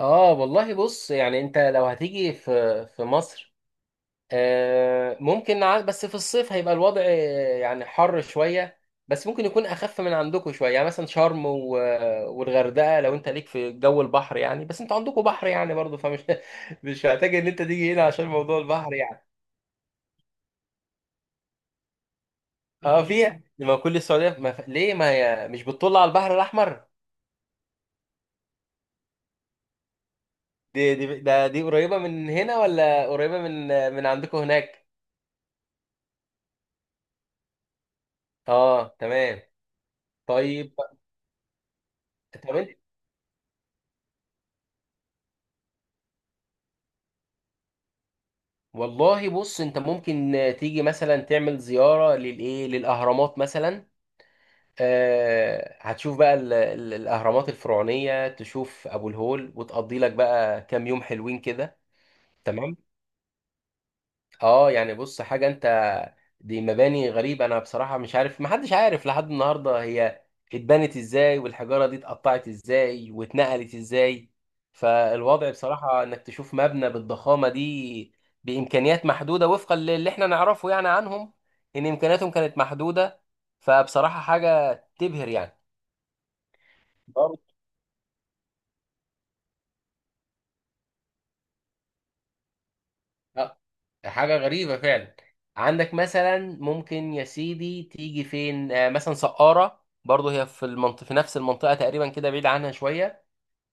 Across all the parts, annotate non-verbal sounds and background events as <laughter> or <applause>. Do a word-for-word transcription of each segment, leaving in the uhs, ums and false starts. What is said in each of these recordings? اه والله بص، يعني انت لو هتيجي في في مصر آه ممكن ع- بس في الصيف هيبقى الوضع آه، يعني حر شويه. بس ممكن يكون اخف من عندكم شويه، يعني مثلا شرم و- والغردقه، لو انت ليك في جو البحر يعني. بس انتوا عندكم بحر يعني برضه، فمش <laughs> مش محتاج ان انت تيجي هنا عشان موضوع البحر يعني. اه فيها، ما كل السعوديه ما ف... ليه ما هي مش بتطل على البحر الاحمر؟ دي دي ده دي قريبه من هنا ولا قريبه من من عندكم هناك؟ اه تمام. طيب طب انت، والله بص انت ممكن آه، تيجي مثلا تعمل زيارة للايه للاهرامات مثلا. آه هتشوف بقى ال- ال- الاهرامات الفرعونية، تشوف ابو الهول وتقضي لك بقى كام يوم حلوين كده. تمام. اه يعني بص، حاجة انت دي مباني غريبة. انا بصراحة مش عارف، محدش عارف لحد النهاردة هي اتبنت ازاي والحجارة دي اتقطعت ازاي واتنقلت ازاي. فالوضع بصراحة انك تشوف مبنى بالضخامة دي بامكانيات محدودة وفقا للي احنا نعرفه يعني عنهم، ان امكانياتهم كانت محدودة، فبصراحة حاجة تبهر يعني. لا، حاجة غريبة فعلا. عندك مثلا ممكن يا سيدي تيجي فين، آه، مثلا سقارة برضه، هي في المنطقة في نفس المنطقة تقريبا كده، بعيد عنها شوية.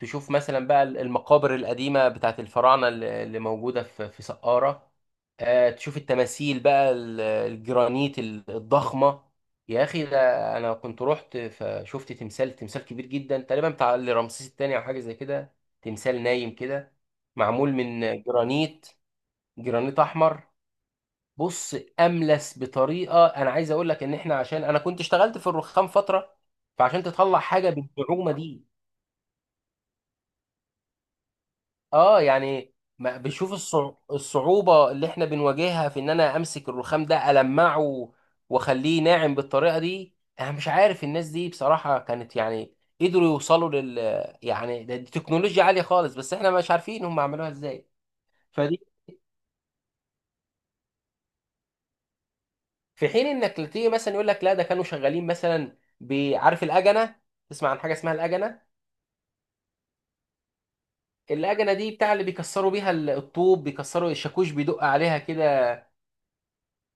تشوف مثلا بقى المقابر القديمة بتاعت الفراعنة اللي اللي موجودة في في سقارة. آه، تشوف التماثيل بقى ال- الجرانيت ال- الضخمة. يا أخي ده أنا كنت رحت فشفت تمثال تمثال كبير جدا، تقريبا بتاع رمسيس التاني أو حاجة زي كده. تمثال نايم كده، معمول من جرانيت، جرانيت احمر. بص، املس بطريقه انا عايز اقول لك ان احنا، عشان انا كنت اشتغلت في الرخام فتره، فعشان تطلع حاجه بالصعوبه دي. اه يعني، ما بشوف الصع- الصعوبه اللي احنا بنواجهها في ان انا امسك الرخام ده المعه واخليه ناعم بالطريقه دي، انا مش عارف الناس دي بصراحه كانت يعني قدروا يوصلوا لل، يعني ده- دي تكنولوجيا عاليه خالص، بس احنا مش عارفين هم عملوها ازاي. في حين انك تيجي مثلا يقول لك لا، ده كانوا شغالين مثلا بعارف الاجنه. تسمع عن حاجه اسمها الاجنه؟ الاجنه دي بتاع اللي بيكسروا بيها ال- الطوب، بيكسروا الشاكوش بيدق عليها كده.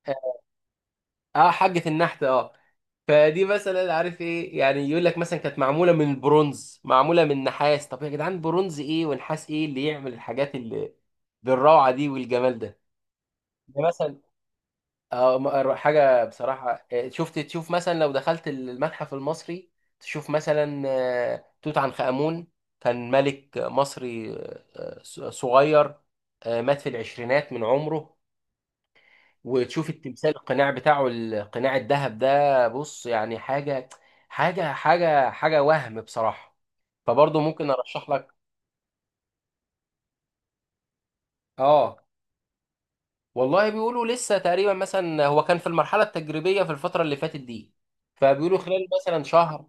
اه، آه، حاجه النحت اه. فدي مثلا عارف ايه يعني، يقول لك مثلا كانت معموله من البرونز، معموله من نحاس. طب يا جدعان، برونز ايه ونحاس ايه اللي يعمل الحاجات اللي بالروعه دي والجمال ده؟ ده مثلا، اه م- حاجة بصراحة. آه، شفت تشوف مثلا لو دخلت المتحف المصري، تشوف مثلا آه، توت عنخ آمون، كان ملك مصري، آه، ص- صغير، آه، مات في العشرينات من عمره، وتشوف التمثال القناع بتاعه، القناع الذهب ده، بص يعني حاجة، حاجة حاجة حاجة وهم بصراحة. فبرضه ممكن ارشح لك. اه والله بيقولوا لسه، تقريبا مثلا هو كان في المرحلة التجريبية في الفترة اللي فاتت دي، فبيقولوا خلال مثلا شهر.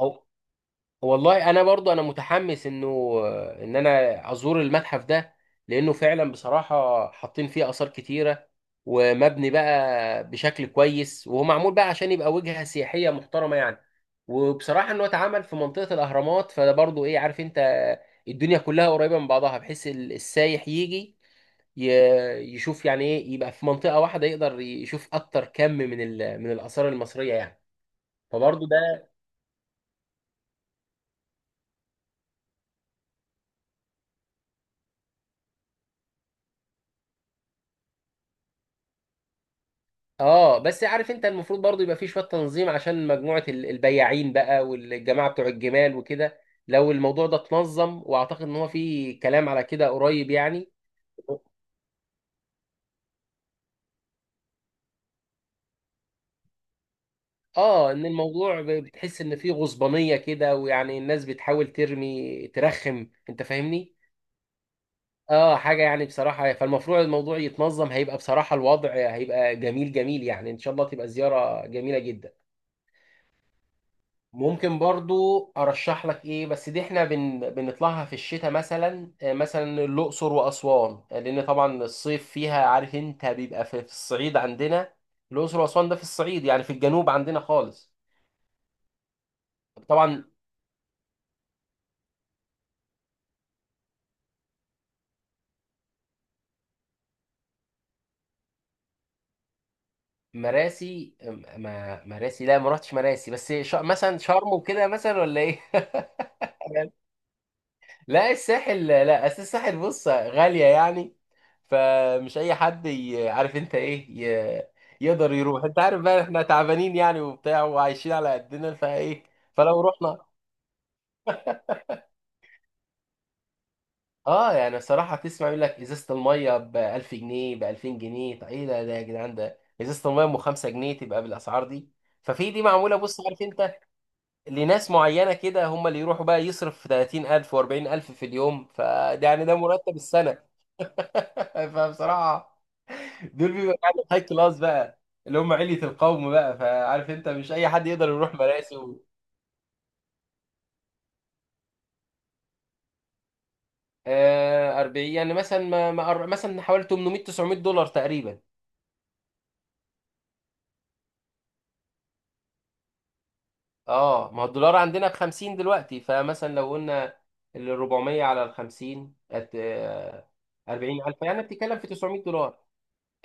هو والله انا برضو انا متحمس انه ان انا ازور المتحف ده، لانه فعلا بصراحه حاطين فيه اثار كتيره، ومبني بقى بشكل كويس، وهو معمول بقى عشان يبقى وجهه سياحيه محترمه يعني. وبصراحه انه اتعمل في منطقه الاهرامات، فده برضو ايه، عارف انت، الدنيا كلها قريبه من بعضها، بحيث ال- السايح يجي ي- يشوف يعني ايه، يبقى في منطقه واحده يقدر يشوف اكتر كم من ال- من الاثار المصريه يعني. فبرضو ده. اه بس عارف انت، المفروض برضو يبقى فيه شويه تنظيم عشان مجموعه ال- البياعين بقى والجماعه بتوع الجمال وكده. لو الموضوع ده اتنظم، واعتقد ان هو فيه كلام على كده قريب يعني. اه ان الموضوع ب- بتحس ان فيه غصبانيه كده، ويعني الناس بتحاول ترمي ترخم، انت فاهمني. اه حاجه يعني بصراحه، فالمفروض الموضوع يتنظم، هيبقى بصراحه الوضع هيبقى جميل جميل يعني، ان شاء الله تبقى زياره جميله جدا. ممكن برضو ارشح لك ايه، بس دي احنا بن... بنطلعها في الشتاء مثلا، آه، مثلا الاقصر واسوان، آه، لان طبعا الصيف فيها، عارف انت بيبقى في في الصعيد عندنا. الاقصر واسوان ده في الصعيد، يعني في الجنوب عندنا خالص. طبعا. مراسي آه، ما مراسي لا، ما رحتش مراسي، بس ش... مثلا شرم وكده مثلا ولا ايه. <laughs> لا الساحل، لا أصل الساحل بص غالية يعني، فمش أي حد ي- عارف أنت إيه ي- يقدر يروح. أنت عارف بقى إحنا تعبانين يعني وبتاع وعايشين على قدنا، فإيه، فلو رحنا. آه يعني الصراحة تسمع يقول لك إزازة المية ب ألف جنيه، ب ألفين جنيه، طب إيه ده؟ ده يا جدعان، ده إزازة المية أم خمسة جنيه تبقى بالأسعار دي؟ ففي دي معمولة، بص عارف أنت، لناس معينة كده، هم اللي يروحوا بقى يصرف ثلاثين ألف و40000 في اليوم. فده يعني ده مرتب السنة. <laughs> فبصراحة دول بيبقى قاعدين هاي كلاس بقى، اللي هم علية القوم بقى. فعارف انت مش اي حد يقدر يروح مراسي و... آه أربعين يعني مثلا، ما ما قر- مثلا حوالي ثمانمائة تسعمائة دولار تقريبا. اه ما هو الدولار عندنا ب خمسين دلوقتي، فمثلا لو قلنا ال أربعمية على ال خمسين أت... آه أربعين ألف يعني بتتكلم في تسعمائة دولار.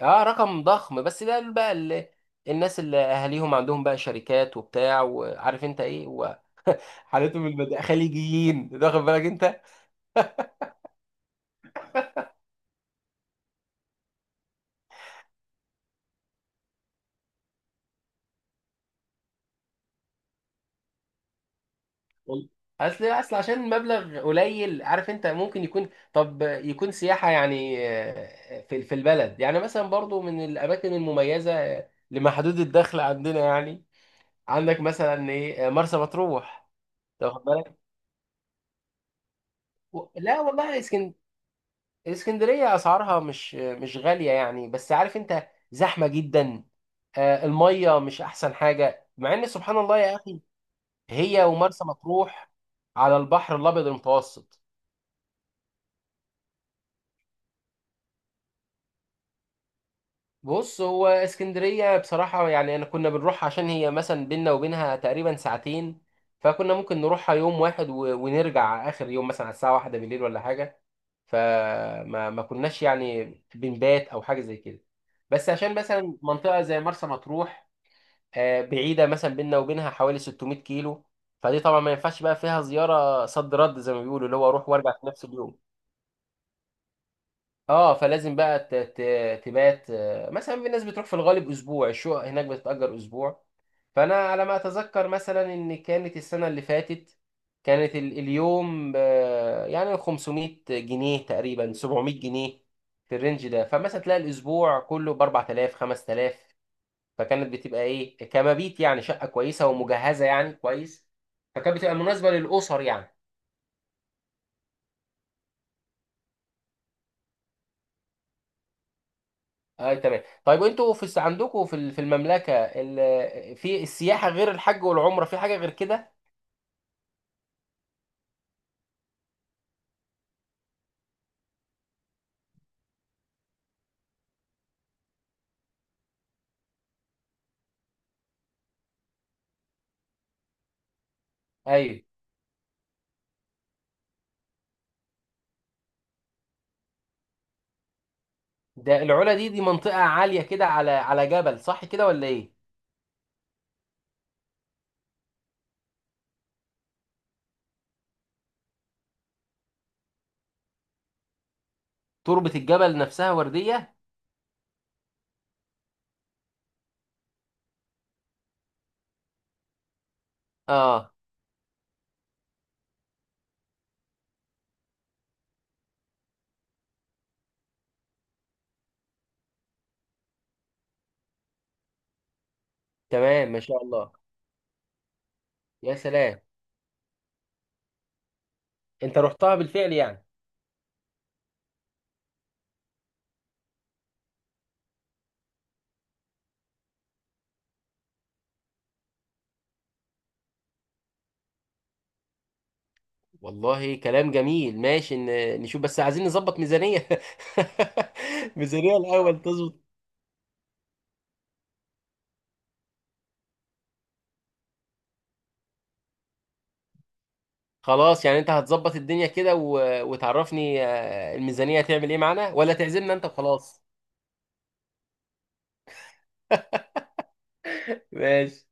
اه رقم ضخم، بس ده بقى اللي، الناس اللي اهاليهم عندهم بقى شركات وبتاع، وعارف انت ايه وحالتهم، المد... خليجيين، واخد بالك انت. وال- اصل اصل عشان المبلغ قليل، عارف انت ممكن يكون طب يكون سياحه يعني آه، في في البلد يعني، مثلا برضو من الاماكن المميزه لمحدود الدخل عندنا يعني. عندك مثلا ايه، آه، مرسى مطروح. أنت واخد بالك. و- لا والله اسكن، اسكندريه اسعارها مش مش غاليه يعني، بس عارف انت زحمه جدا، آه، الميه مش احسن حاجه، مع ان سبحان الله يا اخي هي ومرسى مطروح على البحر الابيض المتوسط. بص هو اسكندرية بصراحة يعني، أنا كنا بنروح عشان هي مثلا بينا وبينها تقريبا ساعتين، فكنا ممكن نروحها يوم واحد و- ونرجع آخر يوم مثلا على الساعة واحدة بالليل ولا حاجة. فما ما كناش يعني بنبات أو حاجة زي كده. بس عشان مثلا منطقة زي مرسى مطروح، آه، بعيدة، مثلا بينا وبينها حوالي ستمائة كيلو، فدي طبعا ما ينفعش بقى فيها زيارة صد رد زي ما بيقولوا، اللي هو أروح وأرجع في نفس اليوم. اه فلازم بقى ت- ت- تبات، آه، مثلا في ناس بتروح في الغالب اسبوع، الشقق هناك بتتأجر اسبوع. فانا على ما اتذكر مثلا ان كانت السنه اللي فاتت كانت ال- اليوم ب- يعني خمسمائة جنيه تقريبا، سبعمائة جنيه في الرينج ده. فمثلا تلاقي الاسبوع كله ب أربعتلاف خمستلاف، فكانت بتبقى ايه كمبيت يعني، شقه كويسه ومجهزه يعني كويس، فكانت بتبقى مناسبه للاسر يعني. اه تمام. طيب انتوا في الس- عندكم في ال- في المملكه ال- في السياحه، غير الحج والعمره، في حاجه غير كده؟ ايوه. ده العلا، دي دي منطقه عاليه كده على على جبل، صح كده ولا ايه؟ تربه الجبل نفسها ورديه؟ اه تمام ما شاء الله. يا سلام، انت رحتها بالفعل يعني. والله كلام جميل. ماشي، ن- نشوف، بس عايزين نظبط ميزانيه. <laughs> ميزانيه الاول تظبط. خلاص يعني انت هتظبط الدنيا كده، و... وتعرفني آه، الميزانيه هتعمل ايه معانا، ولا تعزمنا انت وخلاص. ماشي.